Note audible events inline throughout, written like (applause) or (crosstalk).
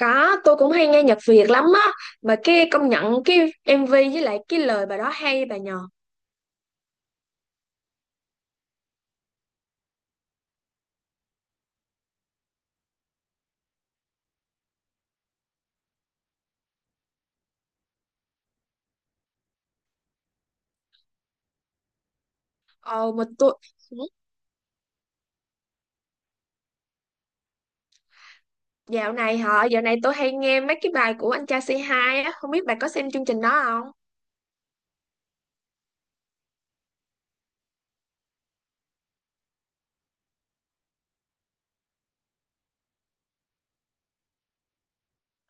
Có, tôi cũng hay nghe nhạc Việt lắm á. Mà cái công nhận cái MV với lại cái lời bài đó hay bà nhờ. Ồ mà tôi. Ừ. Dạo này hả, dạo này tôi hay nghe mấy cái bài của anh cha C2 á. Không biết bà có xem chương trình đó không?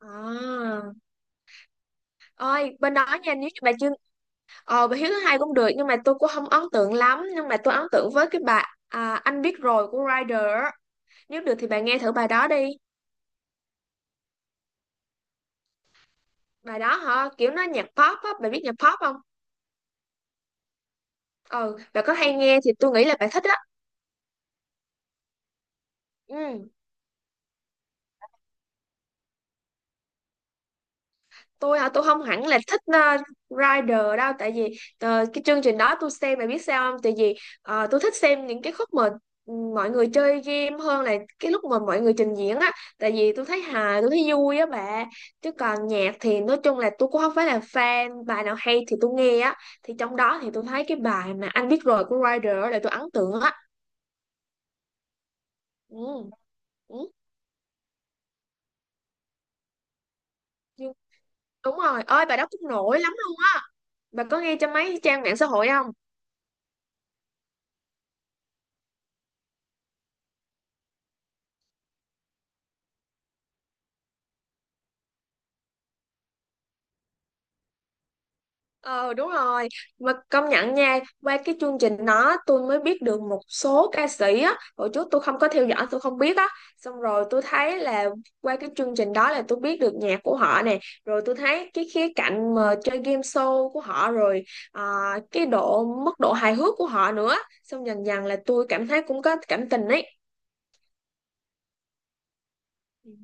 À. Ôi, bên đó nha, nếu như bà chưa. Ờ, bà Hiếu thứ hai cũng được. Nhưng mà tôi cũng không ấn tượng lắm. Nhưng mà tôi ấn tượng với cái bài Anh biết rồi của Rider á. Nếu được thì bà nghe thử bài đó đi. Bài đó hả, kiểu nó nhạc pop á, bà biết nhạc pop không? Ừ, bà có hay nghe thì tôi nghĩ là bà thích á. Ừ. Tôi hả, tôi không hẳn là thích Rider đâu, tại vì cái chương trình đó tôi xem mày biết sao không, tại vì tôi thích xem những cái khúc mà mọi người chơi game hơn là cái lúc mà mọi người trình diễn á. Tại vì tôi thấy hài, tôi thấy vui á bà, chứ còn nhạc thì nói chung là tôi cũng không phải là fan, bài nào hay thì tôi nghe á. Thì trong đó thì tôi thấy cái bài mà Anh biết rồi của Rider á là tôi ấn tượng á. ừ, ừ, nhưng- đúng rồi ơi, bài đó cũng nổi lắm luôn. Bà có nghe trên mấy trang mạng xã hội không? Ờ đúng rồi, mà công nhận nha, qua cái chương trình đó tôi mới biết được một số ca sĩ á, hồi trước tôi không có theo dõi, tôi không biết á. Xong rồi tôi thấy là qua cái chương trình đó là tôi biết được nhạc của họ nè, rồi tôi thấy cái khía cạnh mà chơi game show của họ rồi à, cái độ mức độ hài hước của họ nữa. Xong dần dần là tôi cảm thấy cũng có cảm tình ấy. Ừ.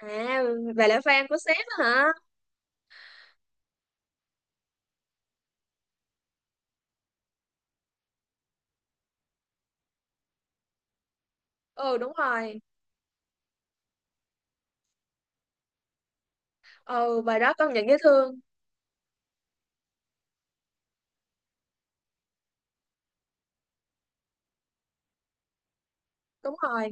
À, vậy là fan của sếp á hả. Ừ, đúng rồi. Ừ, bài đó công nhận dễ thương. Đúng rồi.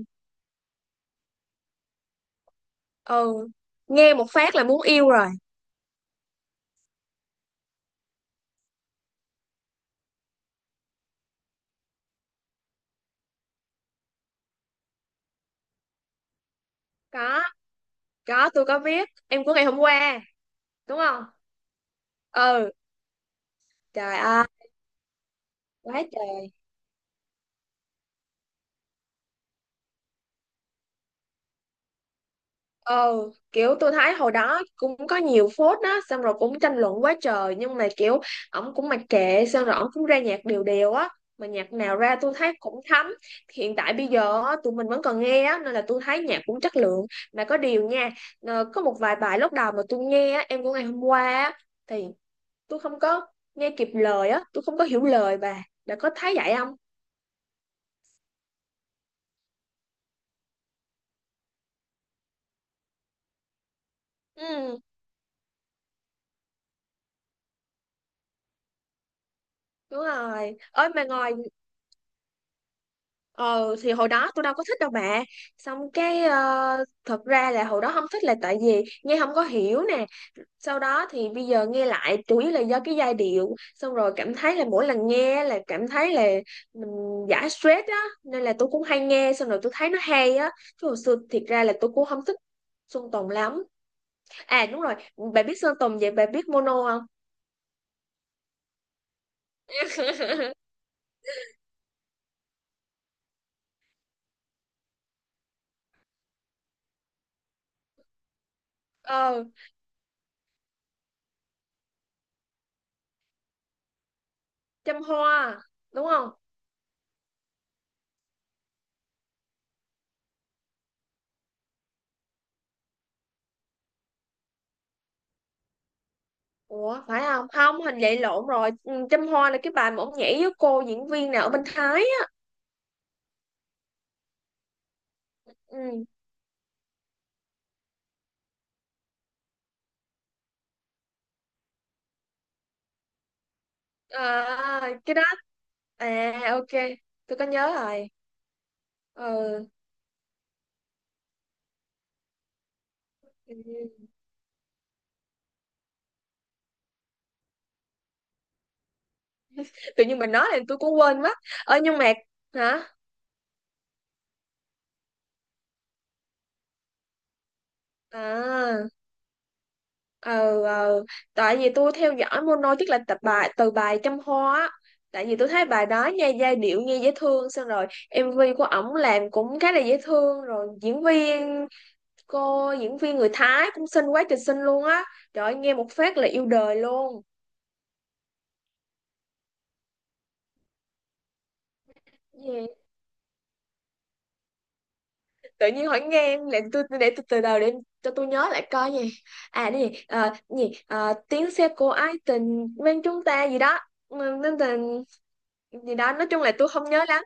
Ừ. Nghe một phát là muốn yêu rồi. có có, tôi có viết em của ngày hôm qua đúng không. Ừ. Trời ơi. Quá trời. Ừ, kiểu tôi thấy hồi đó cũng có nhiều phốt đó, xong rồi cũng tranh luận quá trời, nhưng mà kiểu ổng cũng mặc kệ, xong rồi ổng cũng ra nhạc đều đều á. Mà nhạc nào ra tôi thấy cũng thấm. Hiện tại bây giờ á, tụi mình vẫn còn nghe á, nên là tôi thấy nhạc cũng chất lượng. Mà có điều nha, có một vài bài lúc đầu mà tôi nghe á, em của ngày hôm qua á, thì tôi không có nghe kịp lời á, tôi không có hiểu lời, bà đã có thấy vậy không. Ừ, đúng rồi ơi mà ngồi. Ờ thì hồi đó tôi đâu có thích đâu bà, xong cái thật ra là hồi đó không thích là tại vì nghe không có hiểu nè. Sau đó thì bây giờ nghe lại chủ yếu là do cái giai điệu, xong rồi cảm thấy là mỗi lần nghe là cảm thấy là mình giải stress á, nên là tôi cũng hay nghe, xong rồi tôi thấy nó hay á, chứ hồi xưa thiệt ra là tôi cũng không thích Sơn Tùng lắm. À đúng rồi, bà biết Sơn Tùng vậy bà biết Mono không? (laughs) Ờ chăm hoa đúng không? Ủa phải không, không hình vậy lộn rồi. Ừ, chăm hoa là cái bài mà ông nhảy với cô diễn viên nào ở bên Thái á. Ừ. Cái đó. À, ok, tôi có nhớ rồi. Ừ. Ừ. Tự nhiên mình nói là tôi cũng quên mất. Ờ nhưng mà hả. à ờ ờ, Tại vì tôi theo dõi mono tức là tập bài từ bài Trăm Hoa á. Tại vì tôi thấy bài đó nha, giai điệu nghe dễ thương, xong rồi em MV của ổng làm cũng khá là dễ thương, rồi diễn viên, cô diễn viên người Thái cũng xinh quá trời xinh luôn á. Trời ơi, nghe một phát là yêu đời luôn. Gì? Tự nhiên hỏi, nghe em để tôi từ đầu cho tôi nhớ lại coi gì. Cái gì. Ờ, cái gì. Ờ, tiếng xe của ái tình bên chúng ta gì đó. Ừ, nên tình gì đó, nói chung là tôi không nhớ lắm.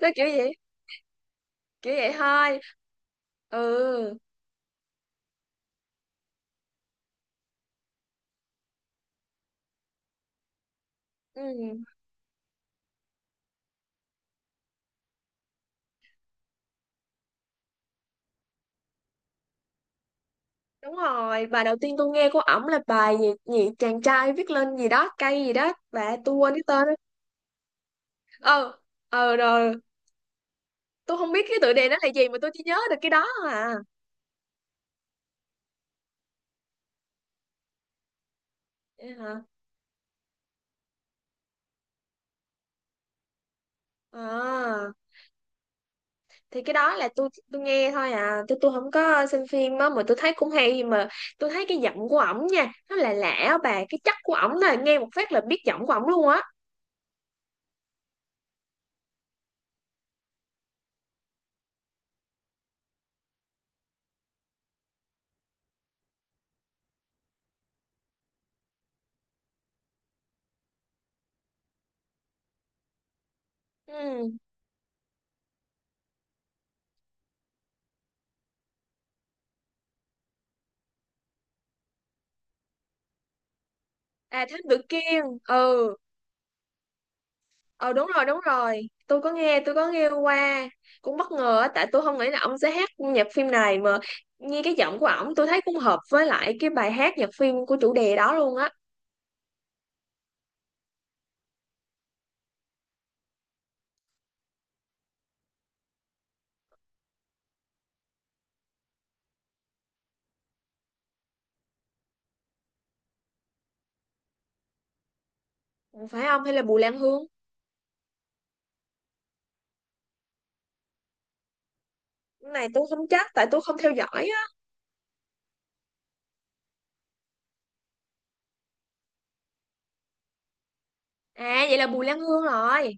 Nó kiểu vậy, kiểu vậy thôi. Ừ. Ừ, đúng rồi. Bài đầu tiên tôi nghe của ổng là bài gì, gì chàng trai viết lên gì đó cây gì đó bà, tôi quên cái tên đó. Ờ ừ. Ờ ừ, rồi tôi không biết cái tựa đề nó là gì, mà tôi chỉ nhớ được cái đó thôi à. Vậy hả. À, thì cái đó là tôi nghe thôi à, tôi không có xem phim á mà tôi thấy cũng hay mà. Tôi thấy cái giọng của ổng nha, nó là lạ á bà, cái chất của ổng là nghe một phát là biết giọng của ổng luôn á. Ừ. À Thám Tử Kiên. Ừ. Ờ đúng rồi, đúng rồi, tôi có nghe, tôi có nghe qua. Cũng bất ngờ á tại tôi không nghĩ là ông sẽ hát nhạc phim này mà. Nghe cái giọng của ổng tôi thấy cũng hợp với lại cái bài hát nhạc phim của chủ đề đó luôn á. Ủa, phải không hay là Bùi Lan Hương. Cái này tôi không chắc tại tôi không theo dõi á. À vậy là Bùi Lan Hương rồi.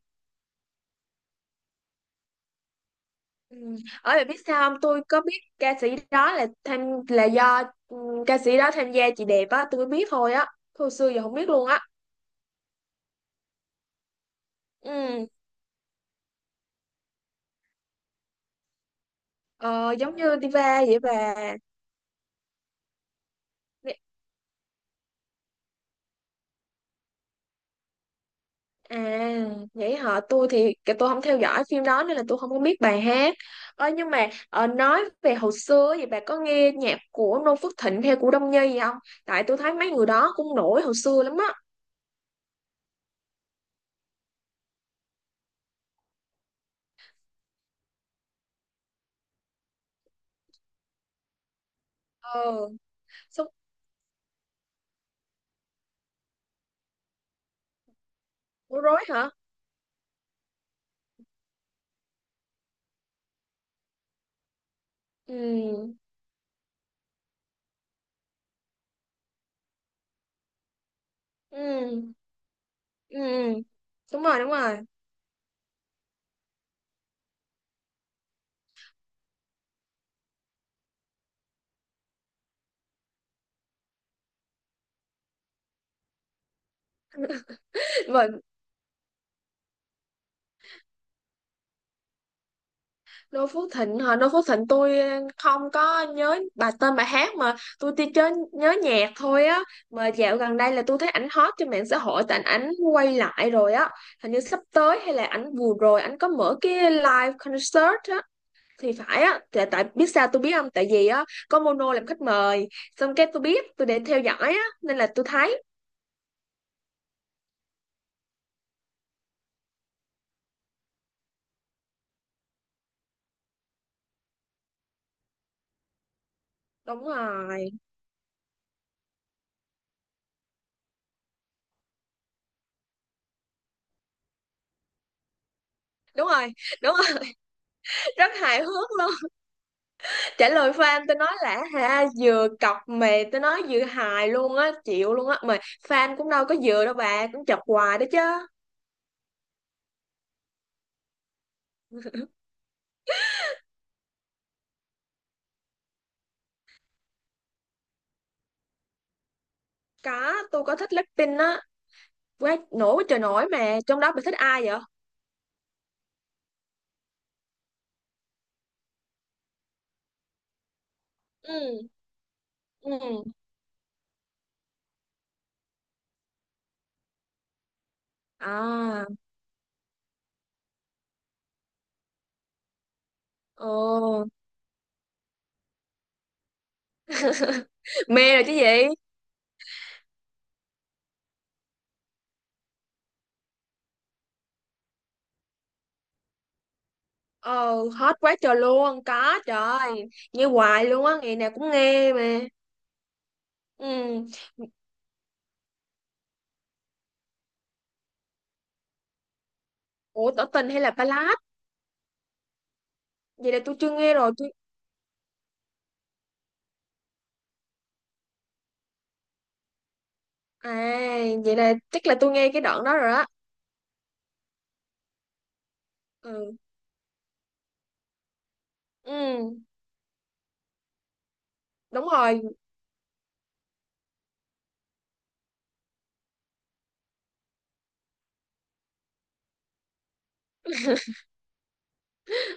Ừ. Ở bạn biết sao không, tôi có biết ca sĩ đó là tham, là do ừ, ca sĩ đó tham gia chị đẹp á tôi mới biết thôi á. Hồi xưa giờ không biết luôn á. Ừ. Ờ, giống như Diva vậy bà. À, vậy hả? Tôi thì cái tôi không theo dõi phim đó nên là tôi không có biết bài hát. Ơ nhưng mà nói về hồi xưa thì bà có nghe nhạc của Noo Phước Thịnh hay của Đông Nhi gì không? Tại tôi thấy mấy người đó cũng nổi hồi xưa lắm á. Ờ, xong bối rối hả? Ừ, ừ, ừ, đúng rồi, đúng rồi. (laughs) Vậy Đô Phước Thịnh hả? Đô Phước Thịnh tôi không có nhớ bà tên bài hát, mà tôi chỉ chớ nhớ nhạc thôi á. Mà dạo gần đây là tôi thấy ảnh hot trên mạng xã hội tại ảnh quay lại rồi á. Hình như sắp tới hay là ảnh vừa rồi ảnh có mở cái live concert á thì phải á tại biết sao tôi biết không, tại vì á có Mono làm khách mời, xong cái tôi biết, tôi để theo dõi á nên là tôi thấy. Đúng rồi, đúng rồi, đúng rồi. (laughs) Rất hài hước luôn. Trả lời fan tôi nói là ha, vừa cọc mà tôi nói vừa hài luôn á, chịu luôn á mà. Fan cũng đâu có vừa đâu bà, cũng chọc hoài đó chứ. (laughs) Có, tôi có thích Blackpink á. Quá nổi, quá trời nổi, mà trong đó bà thích ai vậy? Ừ. Ừ. À. Ồ. Mê rồi chứ gì. Ờ, hết quá trời luôn có. Trời ơi, nghe hoài luôn á, ngày nào cũng nghe mà. Ừ. Ủa, tỏ tình hay là ballad? Vậy là tôi chưa nghe rồi tôi. À, vậy là chắc là tôi nghe cái đoạn đó rồi á. Ừ. Ừ, đúng rồi.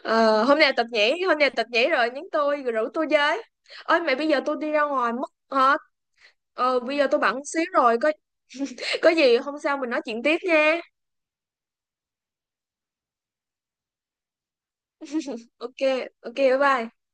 Ờ, hôm nào tập nhảy, hôm nào tập nhảy rồi nhắn tôi rồi rủ tôi với. Ôi mày, bây giờ tôi đi ra ngoài mất hả? Ờ bây giờ tôi bận xíu rồi, có gì hôm sau mình nói chuyện tiếp nha. Ok, ok bye bye.